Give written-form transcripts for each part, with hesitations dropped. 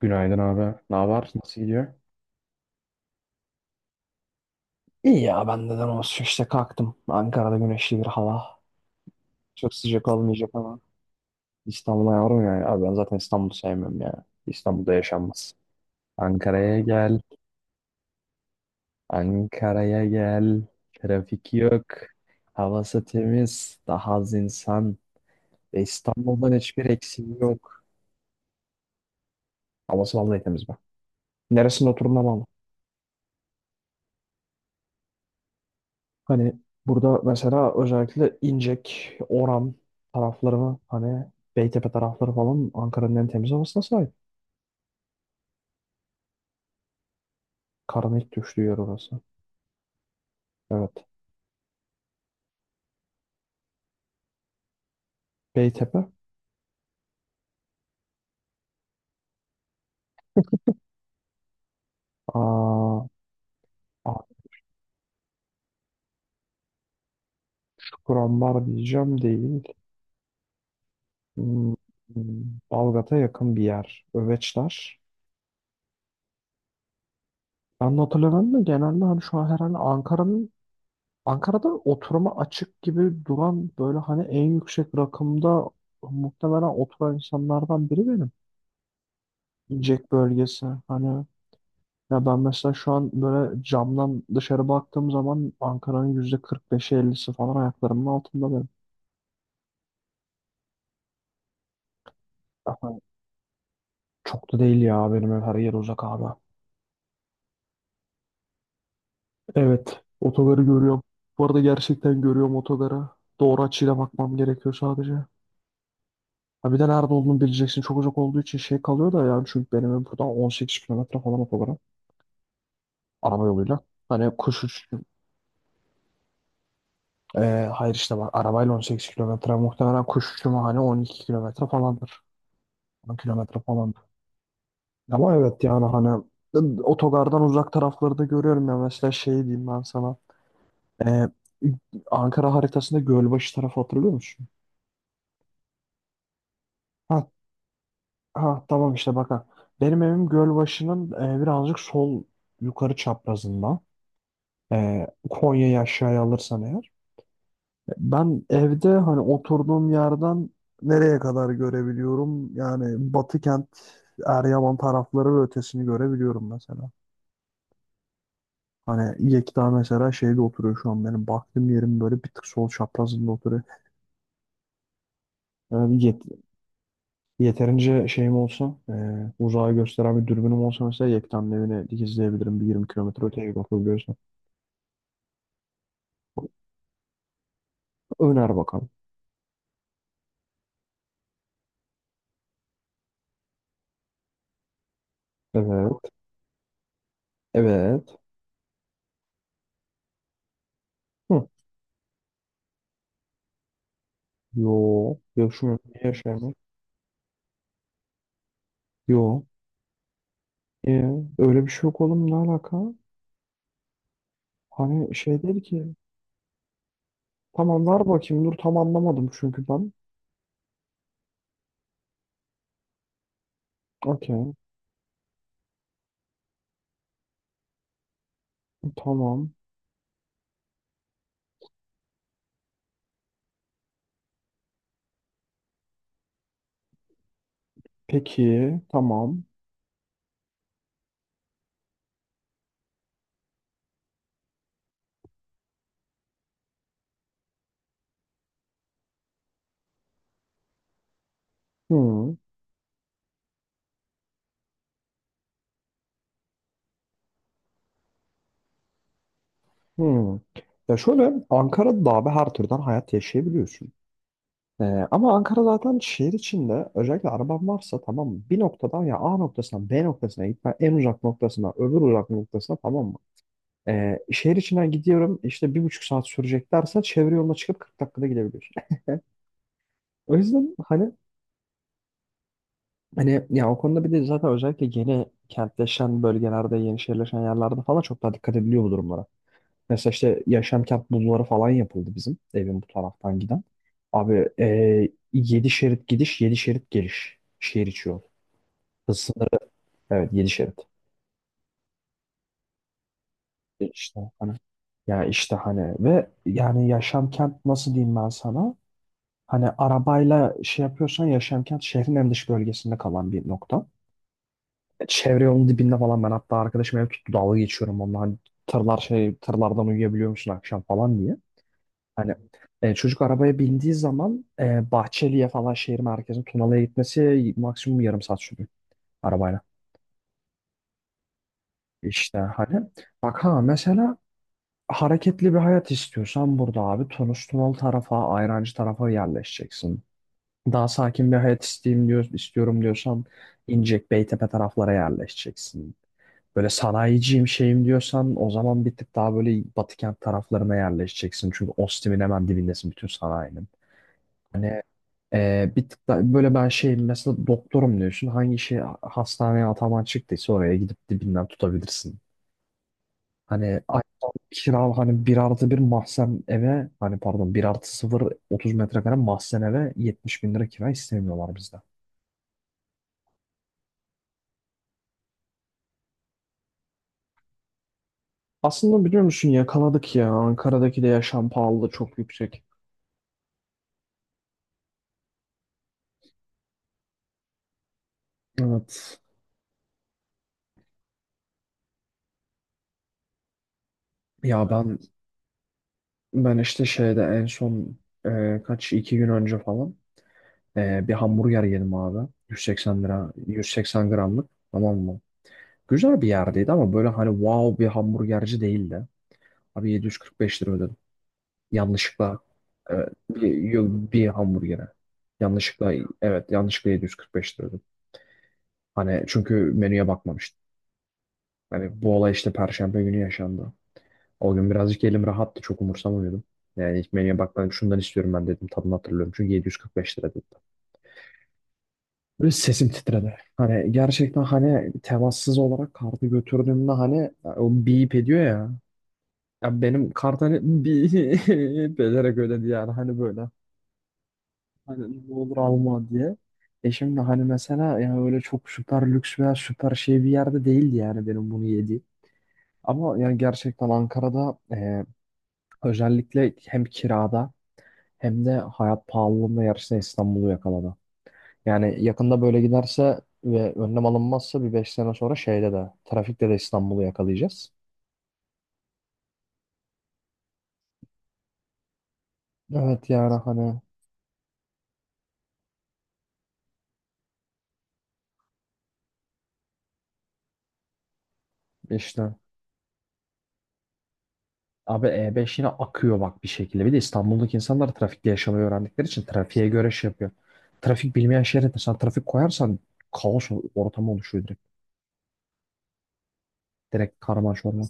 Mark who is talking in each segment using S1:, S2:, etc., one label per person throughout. S1: Günaydın abi. Ne haber? Nasıl gidiyor? İyi ya ben neden olsun işte kalktım. Ankara'da güneşli bir hava. Çok sıcak olmayacak ama. İstanbul'a yavrum ya. Abi ben zaten İstanbul'u sevmiyorum ya. İstanbul'da yaşanmaz. Ankara'ya gel. Ankara'ya gel. Trafik yok. Havası temiz. Daha az insan. Ve İstanbul'dan hiçbir eksiği yok. Havası vallahi temiz be. Neresinde oturduğuna bağlı. Hani burada mesela özellikle İncek, Oran taraflarını, hani Beytepe tarafları falan Ankara'nın en temiz havasına sahip. Karın ilk düştüğü yer orası. Evet. Beytepe. Aa, artık Kurambar diyeceğim, değil. Hmm, hmm, Balgat'a yakın bir yer. Öveçler. Ben de hatırlamıyorum da genelde hani şu an herhalde Ankara'nın, Ankara'da oturuma açık gibi duran böyle hani en yüksek rakımda muhtemelen oturan insanlardan biri benim. Jack bölgesi. Hani ya ben mesela şu an böyle camdan dışarı baktığım zaman Ankara'nın yüzde 45'i 50'si falan ayaklarımın altında benim. Ama çok da değil ya, benim ev her yer uzak abi. Evet, otogarı görüyorum. Bu arada gerçekten görüyorum otogarı. Doğru açıyla bakmam gerekiyor sadece. Ha, bir de nerede olduğunu bileceksin. Çok uzak olduğu için şey kalıyor da, yani çünkü benim ev buradan 18 kilometre falan otogara. Araba yoluyla. Hani kuş uçuşu. Hayır işte bak, arabayla 18 kilometre, muhtemelen kuş uçuşu hani 12 kilometre falandır. 10 kilometre falan. Ama evet, yani hani otogardan uzak tarafları da görüyorum ya. Mesela şey diyeyim ben sana. Ee, Ankara haritasında Gölbaşı tarafı, hatırlıyor musun? Ha, ha, tamam işte bak ha. Benim evim Gölbaşı'nın birazcık sol yukarı çaprazında. Konya'yı aşağıya alırsan eğer. Ben evde hani oturduğum yerden nereye kadar görebiliyorum? Yani Batı kent, Eryaman tarafları ve ötesini görebiliyorum mesela. Hani Yekta mesela şeyde oturuyor, şu an benim baktığım yerim böyle bir tık sol çaprazında oturuyor. Yani yeterince şeyim olsa, uzağa gösteren bir dürbünüm olsa mesela Yekta'nın evini dikizleyebilirim, bir 20 kilometre öteye bakabiliyorsam. Öner bakalım. Evet. Evet. Hı. Yo. Yaşıyor. Niye yaşamıyor? Yo. E, öyle bir şey yok oğlum, ne alaka? Hani şey dedi ki, tamam ver bakayım, dur tam anlamadım çünkü ben. Okey. Tamam. Peki. Tamam. Hı. Hmm. Ya şöyle, Ankara'da da abi her türden hayat yaşayabiliyorsun. Ee, ama Ankara zaten şehir içinde, özellikle araban varsa, tamam mı? Bir noktadan, ya A noktasından B noktasına gitme, en uzak noktasına öbür uzak noktasına, tamam mı? Şehir içinden gidiyorum işte, 1,5 saat sürecek dersen çevre yoluna çıkıp 40 dakikada gidebiliyorsun. O yüzden hani, ya o konuda bir de zaten özellikle yeni kentleşen bölgelerde, yeni şehirleşen yerlerde falan çok daha dikkat ediliyor bu durumlara. Mesela işte Yaşamkent bulvarı falan yapıldı bizim evin bu taraftan giden. Abi 7 şerit gidiş, 7 şerit geliş. Şehir içi yol. Hız sınırı, evet 7 şerit. E İşte hani, ya işte hani ve yani Yaşamkent nasıl diyeyim ben sana? Hani arabayla şey yapıyorsan, Yaşamkent şehrin en dış bölgesinde kalan bir nokta. Çevre yolun dibinde falan, ben hatta arkadaşım ev tuttu, dalga geçiyorum onunla hani tırlar, şey, tırlardan uyuyabiliyor musun akşam falan diye. Hani çocuk arabaya bindiği zaman Bahçeli'ye falan, şehir merkezine Tunalı'ya gitmesi maksimum yarım saat sürüyor arabayla. İşte hani bak ha, mesela hareketli bir hayat istiyorsan burada abi, Tunus Tunalı tarafa, Ayrancı tarafa yerleşeceksin. Daha sakin bir hayat isteyeyim diyor, istiyorum diyorsan İncek, Beytepe taraflara yerleşeceksin. Böyle sanayiciyim şeyim diyorsan, o zaman bir tık daha böyle Batı kent taraflarına yerleşeceksin. Çünkü Ostim'in hemen dibindesin, bütün sanayinin. Hani bir tık da böyle ben şeyim mesela, doktorum diyorsun. Hangi şey hastaneye ataman çıktıysa oraya gidip dibinden tutabilirsin. Hani kira, hani bir artı bir mahzen eve, hani pardon bir artı sıfır 30 metrekare mahzen eve 70 bin lira kira istemiyorlar bizden. Aslında biliyor musun, yakaladık ya. Ankara'daki de yaşam pahalılığı çok yüksek. Evet. Ya ben işte şeyde en son kaç iki gün önce falan bir hamburger yedim abi. 180 lira, 180 gramlık. Tamam mı? Güzel bir yerdeydi ama böyle hani wow bir hamburgerci değildi. Abi 745 lira ödedim. Yanlışlıkla e, bir hamburgere. Yanlışlıkla, evet yanlışlıkla 745 lira ödedim. Hani çünkü menüye bakmamıştım. Hani bu olay işte Perşembe günü yaşandı. O gün birazcık elim rahattı, çok umursamıyordum. Yani ilk menüye bakmadım, şundan istiyorum ben dedim, tadını hatırlıyorum. Çünkü 745 lira dedim. Ve sesim titredi. Hani gerçekten hani, temassız olarak kartı götürdüğümde hani o beep ediyor ya. Ya benim kart hani, beep ederek ödedi, yani hani böyle. Hani ne olur alma diye. E şimdi hani mesela, yani öyle çok süper lüks veya süper şey bir yerde değildi yani benim bunu yediğim. Ama yani gerçekten Ankara'da özellikle hem kirada hem de hayat pahalılığında yarışta İstanbul'u yakaladı. Yani yakında böyle giderse ve önlem alınmazsa, bir 5 sene sonra şeyde de, trafikte de İstanbul'u yakalayacağız. Evet, yani hani işte abi E5 yine akıyor bak bir şekilde. Bir de İstanbul'daki insanlar trafikte yaşamayı öğrendikleri için trafiğe göre şey yapıyor. Trafik bilmeyen şehre de sen trafik koyarsan ortamı oluşuyor direkt. Direkt karman çorman.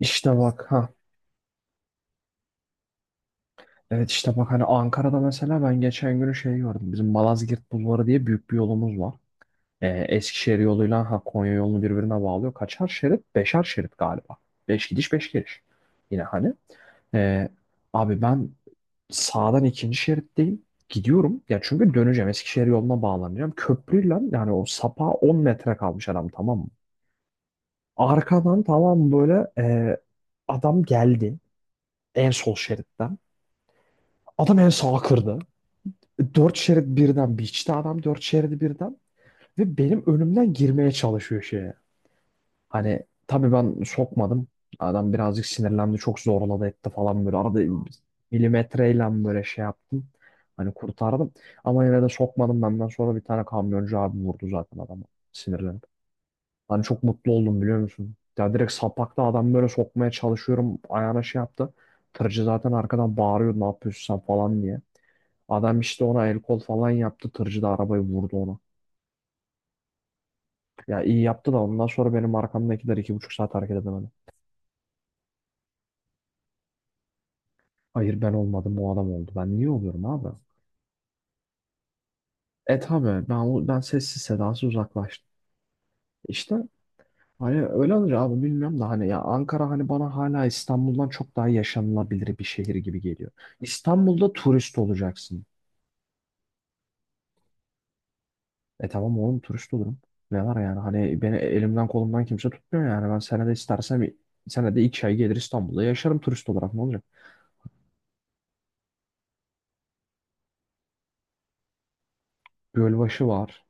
S1: İşte bak ha. Evet işte bak, hani Ankara'da mesela ben geçen gün şey gördüm. Bizim Malazgirt Bulvarı diye büyük bir yolumuz var. Eskişehir yoluyla, ha, Konya yolunu birbirine bağlıyor. Kaçar şerit? Beşer şerit galiba. Beş gidiş beş geliş. Yine hani. Ee, abi ben sağdan ikinci şeritteyim. Gidiyorum. Ya çünkü döneceğim. Eskişehir yoluna bağlanacağım. Köprüyle, yani o sapa 10 metre kalmış adam, tamam mı? Arkadan, tamam böyle e, adam geldi. En sol şeritten. Adam en sağa kırdı. Dört şerit birden biçti adam, dört şeridi birden. Ve benim önümden girmeye çalışıyor şeye. Hani tabii ben sokmadım. Adam birazcık sinirlendi. Çok zorladı etti falan böyle. Arada milimetreyle böyle şey yaptım. Hani kurtardım. Ama yine de sokmadım. Benden sonra bir tane kamyoncu abi vurdu zaten adamı. Sinirlenip. Hani çok mutlu oldum, biliyor musun? Ya direkt sapakta adam böyle sokmaya çalışıyorum. Ayağına şey yaptı. Tırcı zaten arkadan bağırıyor, ne yapıyorsun sen falan diye. Adam işte ona el kol falan yaptı. Tırcı da arabayı vurdu ona. Ya iyi yaptı da, ondan sonra benim arkamdakiler 2,5 saat hareket edemedi. Hayır, ben olmadım, o adam oldu. Ben niye oluyorum abi? E tabii ben sessiz sedasız uzaklaştım. İşte hani öyle olur abi, bilmiyorum da hani ya Ankara hani bana hala İstanbul'dan çok daha yaşanılabilir bir şehir gibi geliyor. İstanbul'da turist olacaksın. E tamam oğlum, turist olurum. Ne var yani, hani beni elimden kolumdan kimse tutmuyor, yani ben senede istersem senede 2 ay gelir, İstanbul'da yaşarım turist olarak, ne olacak? Gölbaşı var.